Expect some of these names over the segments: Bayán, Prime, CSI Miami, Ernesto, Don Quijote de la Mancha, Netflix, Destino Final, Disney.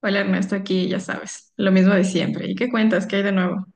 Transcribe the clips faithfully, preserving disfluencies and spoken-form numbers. Hola Ernesto, aquí ya sabes, lo mismo de siempre. ¿Y qué cuentas? ¿Qué hay de nuevo?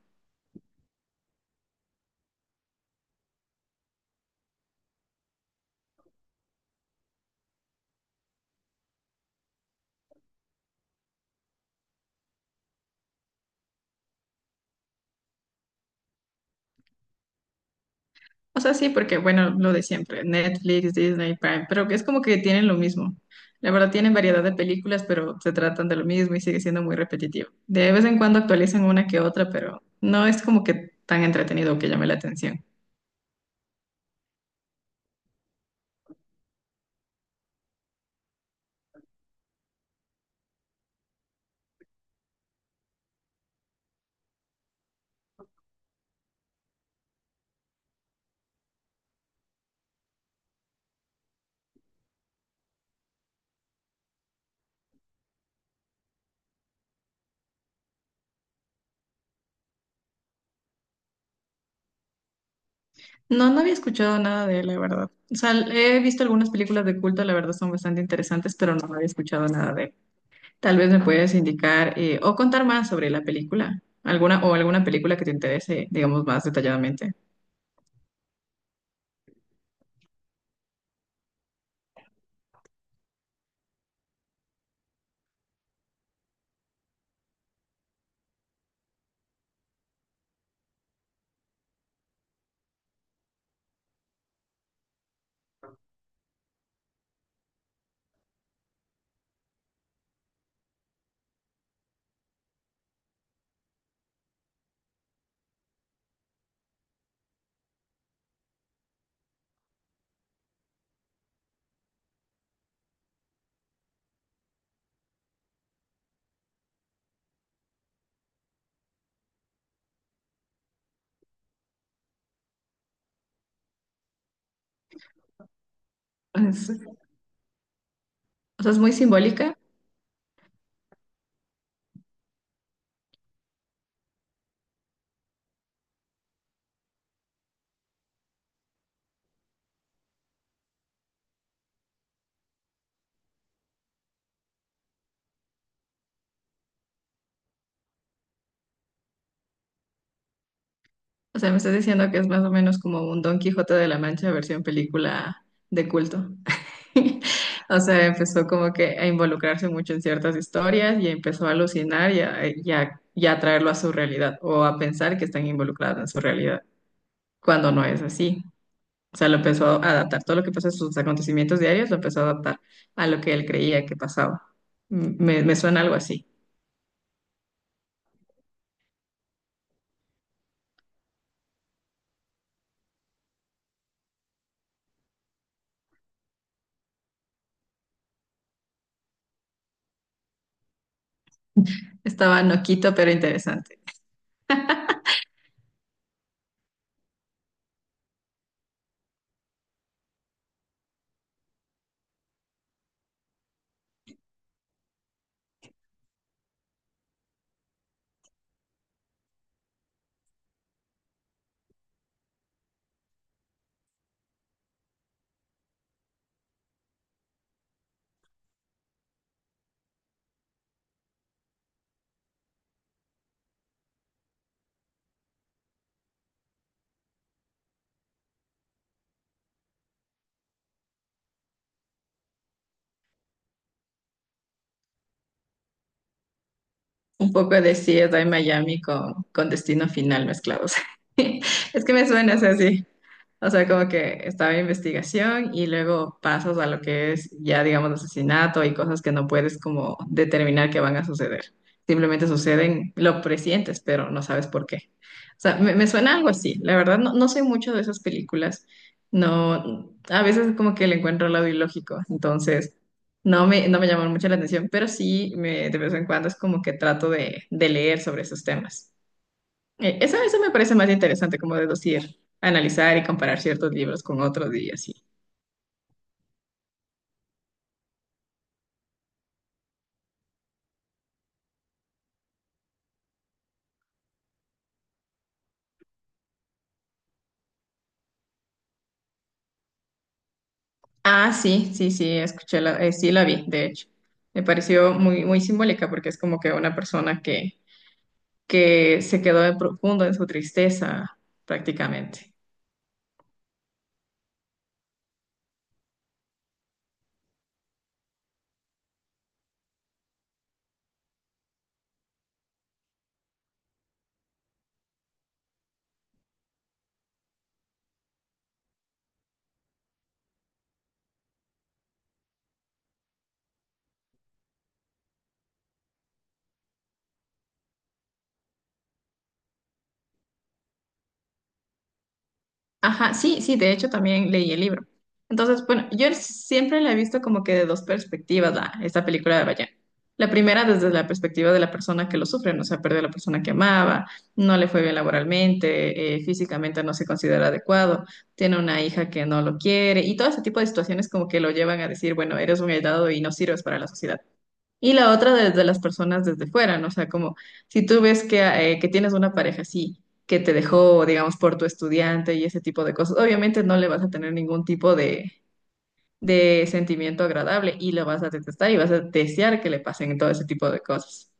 O sea, sí, porque bueno, lo de siempre, Netflix, Disney, Prime, pero que es como que tienen lo mismo. La verdad tienen variedad de películas, pero se tratan de lo mismo y sigue siendo muy repetitivo. De vez en cuando actualizan una que otra, pero no es como que tan entretenido que llame la atención. No, no había escuchado nada de él, la verdad. O sea, he visto algunas películas de culto, la verdad son bastante interesantes, pero no había escuchado nada de él. Tal vez me puedes indicar eh, o contar más sobre la película, alguna o alguna película que te interese, digamos, más detalladamente. Es- o sea, es muy simbólica. O sea, me estás diciendo que es más o menos como un Don Quijote de la Mancha versión película de culto. O sea, empezó como que a involucrarse mucho en ciertas historias y empezó a alucinar y a, y a- y a traerlo a su realidad o a pensar que están involucradas en su realidad, cuando no es así. O sea, lo empezó a adaptar. Todo lo que pasa en sus acontecimientos diarios lo empezó a adaptar a lo que él creía que pasaba. M- Me, me suena algo así. Estaba noquito, pero interesante. Un poco de C S I Miami con, con Destino Final mezclados. Es que me suena, o sea, sí. O sea, como que estaba investigación y luego pasas a lo que es ya, digamos, asesinato y cosas que no puedes como determinar que van a suceder. Simplemente suceden, lo presientes, pero no sabes por qué. O sea, me, me suena algo así. La verdad, no, no soy mucho de esas películas. No, a veces como que le encuentro el lado ilógico. Entonces, no me, no me llaman mucho la atención, pero sí me, de vez en cuando es como que trato de, de leer sobre esos temas. Eh, Eso, eso me parece más interesante, como deducir, analizar y comparar ciertos libros con otros y así. Ah, sí, sí, sí, escuché, la, eh, sí la vi, de hecho. Me pareció muy, muy simbólica porque es como que una persona que, que se quedó en profundo en su tristeza, prácticamente. Ajá, sí, sí, de hecho también leí el libro. Entonces, bueno, yo siempre la he visto como que de dos perspectivas, la, esta película de Bayán. La primera desde la perspectiva de la persona que lo sufre, no se ha perdido a la persona que amaba, no le fue bien laboralmente, eh, físicamente no se considera adecuado, tiene una hija que no lo quiere y todo ese tipo de situaciones como que lo llevan a decir, bueno, eres un aislado y no sirves para la sociedad. Y la otra desde las personas desde fuera, ¿no? O sea, como si tú ves que, eh, que tienes una pareja así, que te dejó, digamos, por tu estudiante y ese tipo de cosas, obviamente no le vas a tener ningún tipo de, de sentimiento agradable y lo vas a detestar y vas a desear que le pasen todo ese tipo de cosas.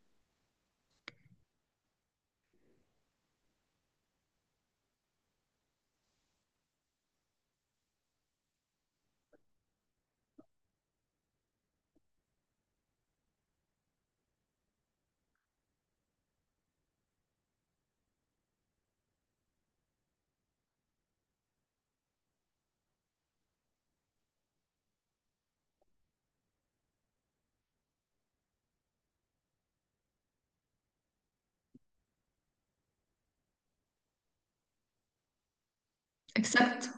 Exacto.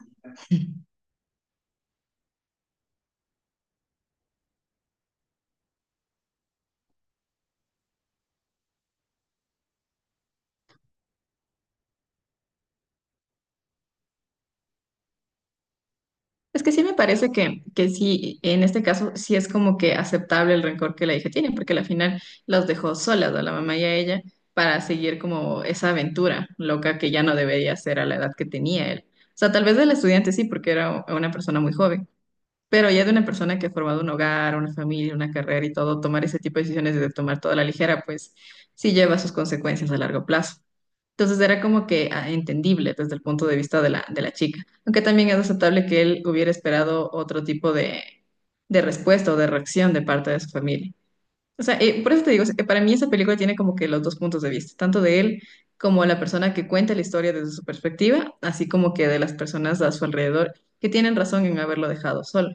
Es que sí me parece que, que sí, en este caso sí es como que aceptable el rencor que la hija tiene, porque al final los dejó solas a la mamá y a ella para seguir como esa aventura loca que ya no debería hacer a la edad que tenía él. O sea, tal vez el estudiante sí, porque era una persona muy joven, pero ya de una persona que ha formado un hogar, una familia, una carrera y todo, tomar ese tipo de decisiones de tomar toda la ligera, pues sí lleva sus consecuencias a largo plazo. Entonces era como que ah, entendible desde el punto de vista de la, de la chica, aunque también es aceptable que él hubiera esperado otro tipo de, de respuesta o de reacción de parte de su familia. O sea, eh, por eso te digo, o sea, que para mí esa película tiene como que los dos puntos de vista, tanto de él como la persona que cuenta la historia desde su perspectiva, así como que de las personas a su alrededor que tienen razón en haberlo dejado solo.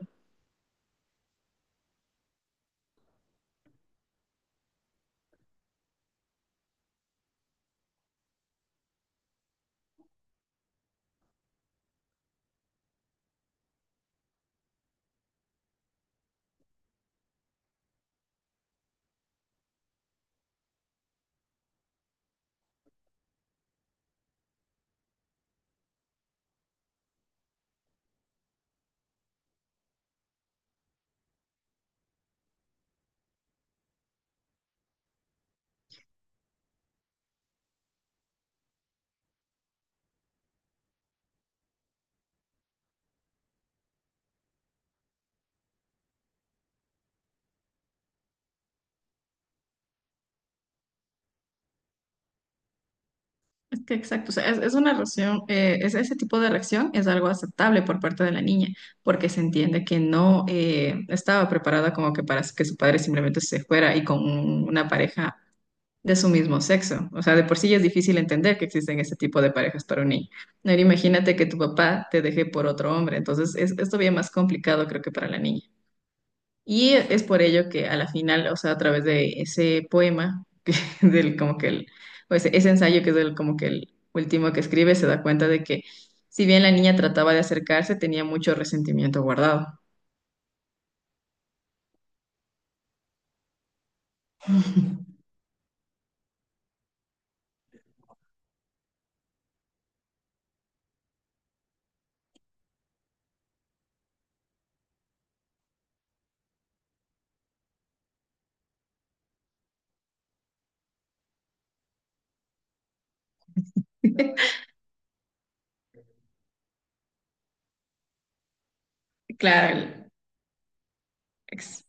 Es que exacto, o sea, es, es una reacción, eh, es, ese tipo de reacción es algo aceptable por parte de la niña, porque se entiende que no eh, estaba preparada como que para que su padre simplemente se fuera y con un- una pareja de su mismo sexo. O sea, de por sí ya es difícil entender que existen ese tipo de parejas para un niño. No, imagínate que tu papá te deje por otro hombre, entonces es, es todavía más complicado creo que para la niña. Y es por ello que a la final, o sea, a través de ese poema, que del como que el, o ese, ese ensayo que es el, como que el último que escribe, se da cuenta de que si bien la niña trataba de acercarse, tenía mucho resentimiento guardado. Claro, el- es,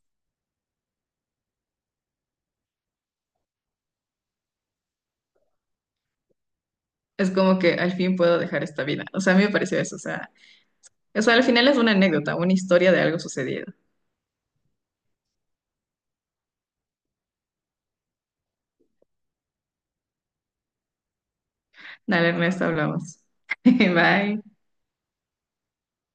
es como que al fin puedo dejar esta vida. O sea, a mí me pareció eso. O sea, o sea, al final es una anécdota, una historia de algo sucedido. Dale, Ernesto, hablamos. Bye.